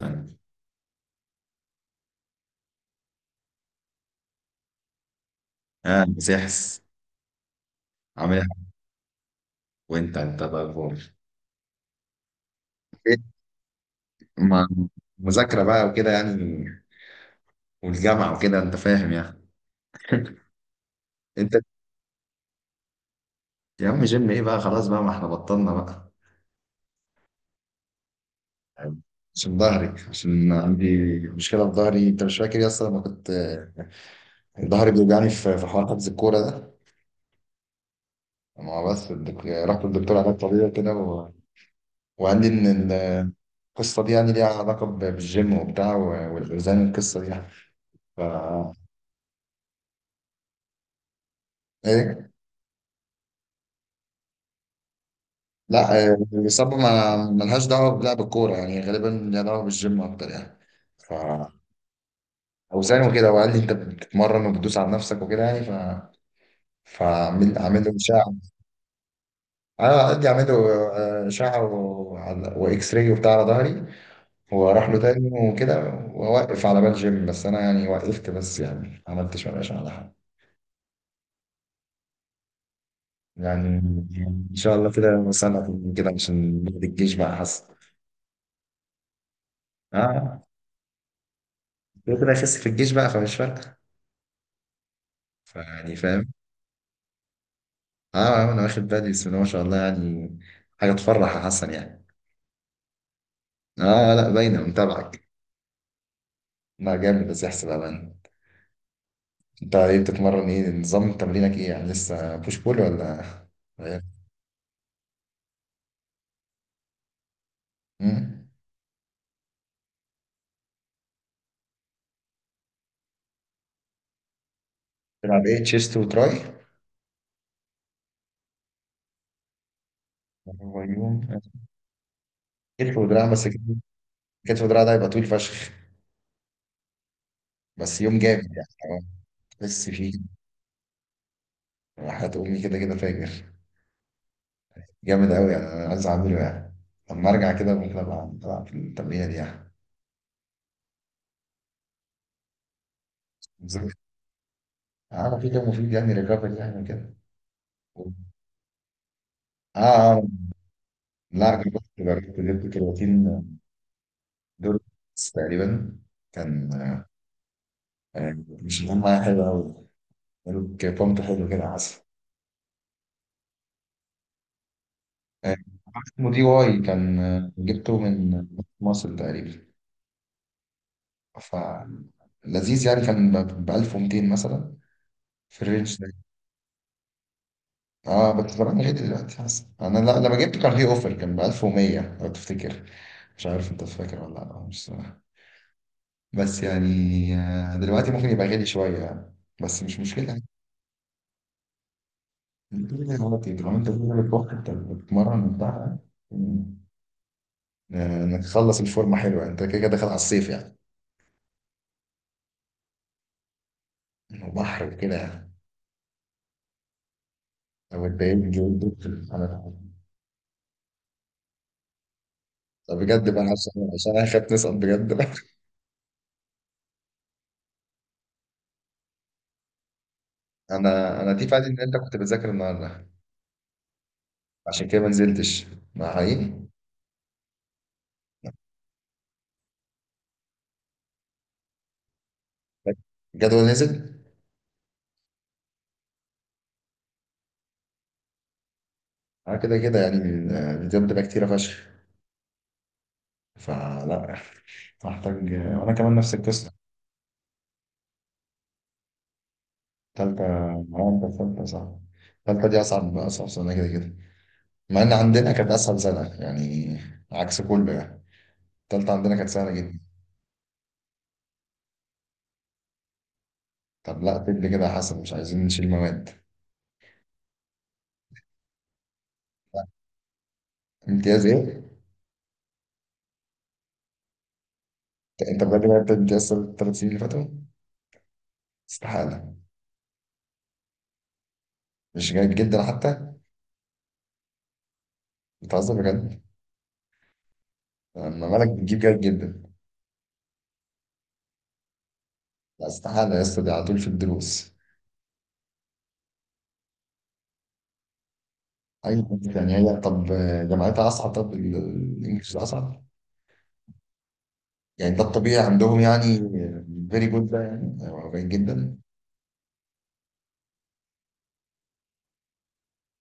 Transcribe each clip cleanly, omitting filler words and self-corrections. اه، مسحس. عامل إيه؟ وانت الاخبار إيه؟ ما مذاكره بقى وكده يعني، والجامعه وكده انت فاهم يعني. انت يا عم، جيم ايه بقى، خلاص بقى، ما احنا بطلنا بقى. يعني، عشان ظهري، عشان عندي مشكله في ظهري. انت مش فاكر يا اسطى لما كنت ظهري بيوجعني في حوار حجز الكوره ده؟ ما هو بس رحت للدكتور علاج طبيعي كده و... وقال لي ان ال- القصه دي يعني ليها علاقه بالجيم وبتاع والاوزان، القصه دي يعني. ف ايه، لا. آه، الإصابة ما ملهاش دعوة بلعب الكورة يعني، غالبا ليها دعوة بالجيم أكتر يعني. ف أوزان وكده. وقال لي أنت بتتمرن وبتدوس على نفسك وكده يعني. ف فأعمل، أعمل له إشعة. أنا قد أعمل له آه، إشعة وإكس راي وبتاع على ظهري، وأروح له تاني وكده. وأوقف على بال جيم. بس أنا يعني وقفت، بس يعني ما عملتش ولا إشعة على حاجة. يعني إن شاء الله كده سنة كده عشان نقعد الجيش بقى، حصل. آه، كده كده أخس في الجيش بقى فمش فارقة. فيعني فاهم. اه آه، انا واخد بالي. بسم الله ما شاء الله يعني، حاجه تفرح يا حسن يعني. اه لا باينه، متابعك. لا جامد، بس يحسب امان. انت ايه بتتمرن؟ ايه نظام تمرينك؟ ايه يعني، لسه بوش بول ولا غيرت؟ أمم. تلعب ايه تشيست وتراي؟ هو يوم كتف ودراع؟ بس كتف. كتف ودراع ده هيبقى طويل فشخ. بس يوم جامد يعني آه، تحس فيه. راحت امي كده كده فاجر. جامد قوي يعني، انا عايز اعمله يعني. لما ارجع كده ممكن ابقى العب في التمرينه دي يعني. بالظبط. اه، مفيد مفيد يعني، ريكفري يعني كده. اه. آه. لا جربت، جبت كرياتين. دول بس تقريبا. كان آه، مش مهم، معايا حلو قوي. ملوك بامب حلو كده، عسل. آه، اسمه دي واي. كان آه، جبته من مصر تقريبا. ف لذيذ يعني. كان ب 1200 مثلا، في الرينج ده. اه بس طبعا غالي دلوقتي حسن. انا لا، لما جبته كان في اوفر، كان ب 1100 لو تفتكر. مش عارف انت فاكر ولا لا، مش صراحة. بس يعني آه، دلوقتي ممكن يبقى غالي شويه يعني، بس مش مشكله. دلوقتي لو انت بتعمل وقت انت بتتمرن بتاع آه، انك تخلص الفورمه حلوه، انت كده كده داخل على الصيف يعني. وبحر وكده يعني. لو اتضايقت جدا انا. طب بجد بقى، عشان عشان انا خايف نسقط بجد. انا دي فادي ان انت كنت بتذاكر النهارده، عشان كده ما نزلتش مع. حقيقي الجدول نزل. انا كده كده يعني الفيديوهات بتبقى كتيره فشخ. فلا محتاج، وانا كمان نفس القصه. تالتة معايا تالتة صعب. تالتة دي أصعب، أصعب سنة كده كده. مع ان عندنا كانت اسهل سنه يعني، عكس كله يعني. التالتة عندنا كانت سهله جدا. طب لا، طب كده يا حسن، مش عايزين نشيل مواد. لا، امتياز ايه؟ انت أنت بجد جبت امتياز الثلاث سنين اللي فاتوا؟ استحاله. مش جيد جدا حتى؟ بتهزر بجد. لما بالك بتجيب جيد جدا. لا استحاله يا اسطى، دي على طول في الدروس. اي حد يعني. هي طب جامعتها اصعب؟ طب الانجليش ده اصعب؟ يعني ده الطبيعي عندهم يعني، فيري جود ده يعني، أو جيد جدا.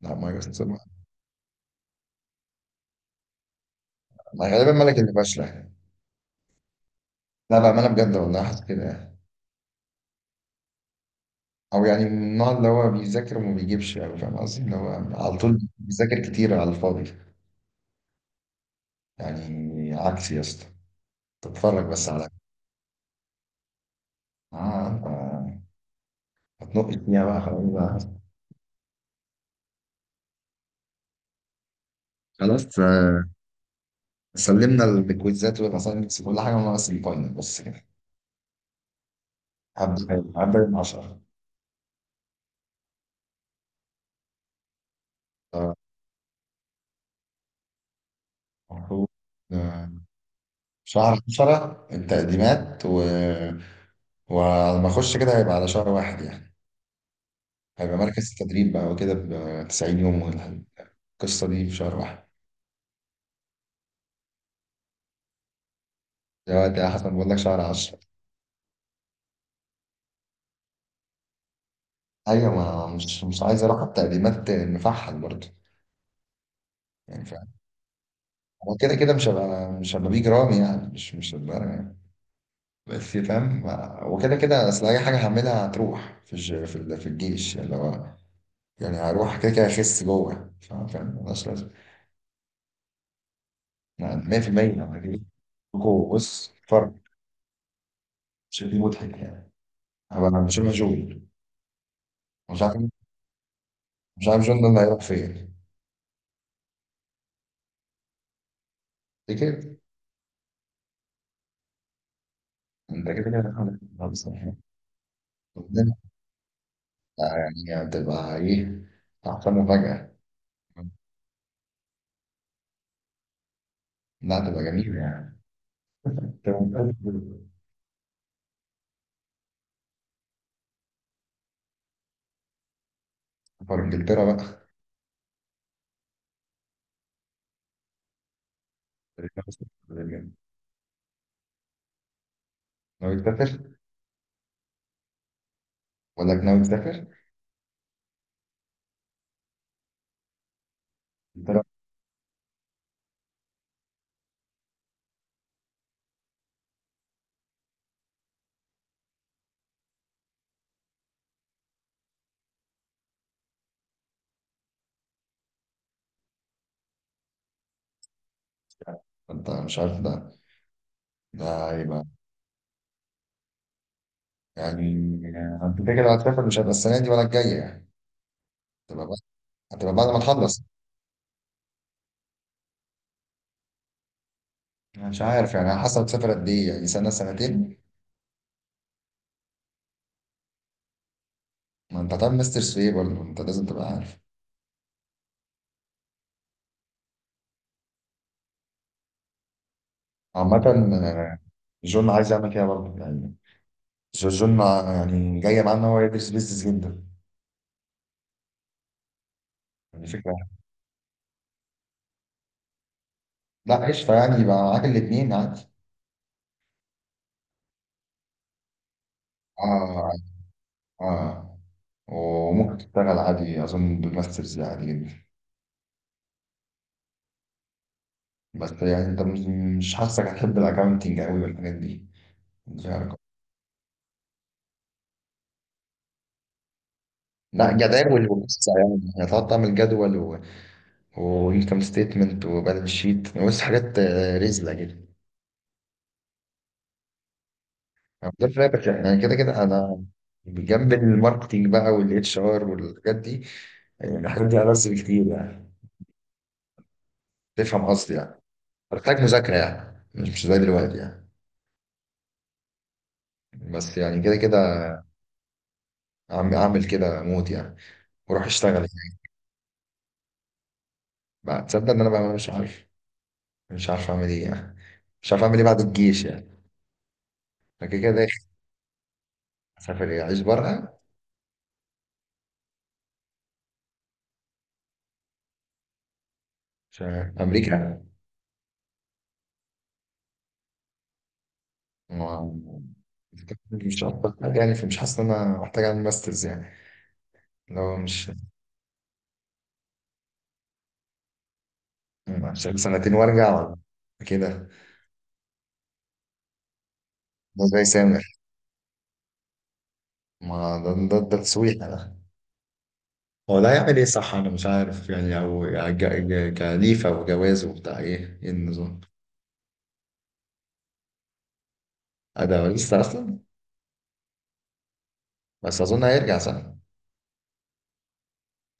لا ما يوصل. ما غالبا مالك اللي فاشله. لا بأمانة بجد والله، حاسس كده يعني. أو يعني من النوع اللي هو بيذاكر وما بيجيبش أوي. فاهم قصدي، اللي هو على طول بيذاكر كتير على الفاضي. يعني عكسي يا اسطى. تتفرج بس على. آه. أنت هتنقش فيها بقى، خلاص بقى. خلاص آه، سلمنا الكويزات والأساينمنتس وكل حاجة، ناقص الفاينل بس كده. هبدأ من 10. المفروض آه، شهر 10 التقديمات و... ولما أخش كده هيبقى على شهر واحد يعني. هيبقى مركز التدريب بقى وكده، ب 90 يوم القصة دي في شهر واحد. دلوقتي يا حسن بقول لك شهر عشرة. أيوة، ما مش مش عايز أروح على التقديمات مفحل برضه. يعني فاهم. هو كده كده مش هبقى بيج رامي يعني، مش مش هبقى يعني. بس فاهم، وكده كده أصل أي حاجة هعملها هتروح في في الجيش. اللي هو يعني هروح كده كده أخس جوه. فاهم، فاهم، ملهاش لازمة. أنا 100% لما أجي جوه بص فرق. شكلي مضحك يعني. هبقى مش عارف جون. مش عارف. مش عارف جون ده اللي هيروح فين. دي كده. انت كده كده. لا، يعني هتبقى إيه، أحسن مفاجأة. لا هتبقى جميلة يعني. أنت متأكد؟ سفر إنجلترا بقى. ناوي تسافر ولا ناوي تسافر؟ إنجلترا. أنت مش عارف ده. ده هيبقى يعني. أنت كده كده هتسافر، مش هيبقى السنة دي ولا الجاية يعني. هتبقى بعد، هتبقى بعد ما تخلص. أنا مش عارف يعني، على حسب تسافر قد إيه، يعني سنة سنتين. ما أنت هتعمل ماسترز في إيه برضه؟ أنت لازم تبقى عارف. عامة آه، جون عايز يعمل كده برضه يعني. جورجون يعني جايه معاه ان هو يدرس بيزنس جدا. يعني فكره. لا قشطه يعني، يبقى معاك الاثنين عادي. اه اه. وممكن تشتغل عادي، اظن بالماسترز عادي جدا. بس يعني انت مش، مش حاسسك هتحب الاكونتنج قوي والحاجات دي. مش عارف. لا جداول وقصة يعني، هتقعد تعمل جدول و... وانكم ستيتمنت وبالانس شيت. بص حاجات آه، رزلة كده. أنا ده فاتك يعني. كده كده انا بجنب الماركتينج بقى والاتش ار والحاجات دي. يعني الحاجات دي ألذ بكتير يعني، تفهم قصدي يعني. بحتاج مذاكرة يعني، مش مش زي دلوقتي يعني. بس يعني كده كده عم اعمل كده موت يعني، واروح اشتغل يعني. بعد، تصدق ان انا بقى مش عارف. مش عارف اعمل ايه يعني. مش عارف اعمل ايه بعد الجيش يعني. أنا كده كده داخل. اسافر إيه؟ اعيش بره؟ عشان امريكا. و- مش عارف حاجة يعني. فمش حاسس ان انا محتاج اعمل ماسترز يعني، لو مش عشان سنتين وارجع ولا كده. ده زي سامر. ما ده، ده تسويحة ده. هو ده هيعمل ايه صح؟ انا مش عارف يعني. او كليفة وجواز وبتاع، ايه ايه النظام. آه، ده لسه اصلا. بس اظن هيرجع صح.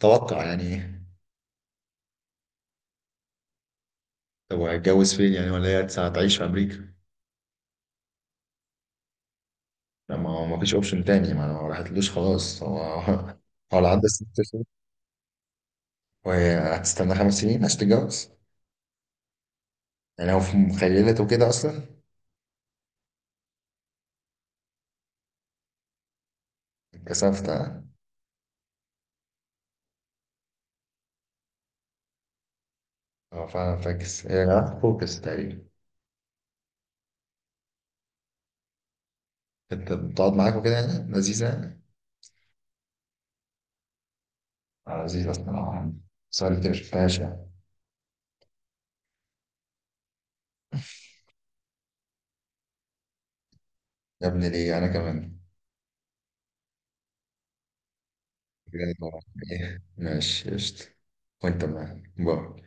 توقع يعني ايه. طب هيتجوز فين يعني؟ ولا هي هتعيش في امريكا؟ لا، ما هو ما فيش اوبشن تاني، ما انا ما راحتلوش خلاص هو. هو لو عنده ست سنين. وهتستنى خمس سنين عشان تتجوز؟ يعني هو في مخيلته كده اصلا. كسفت. اه فعلا فاكس، هي جماعة فوكس تقريبا. انت بتقعد معاك وكده يعني، لذيذة يعني. آه، لذيذة الصراحة. بس أنا اللي مش فيهاش يعني. يا ابني ليه، أنا كمان. جامد والله. إيه، ماشي قشطة. وأنت معايا، باي.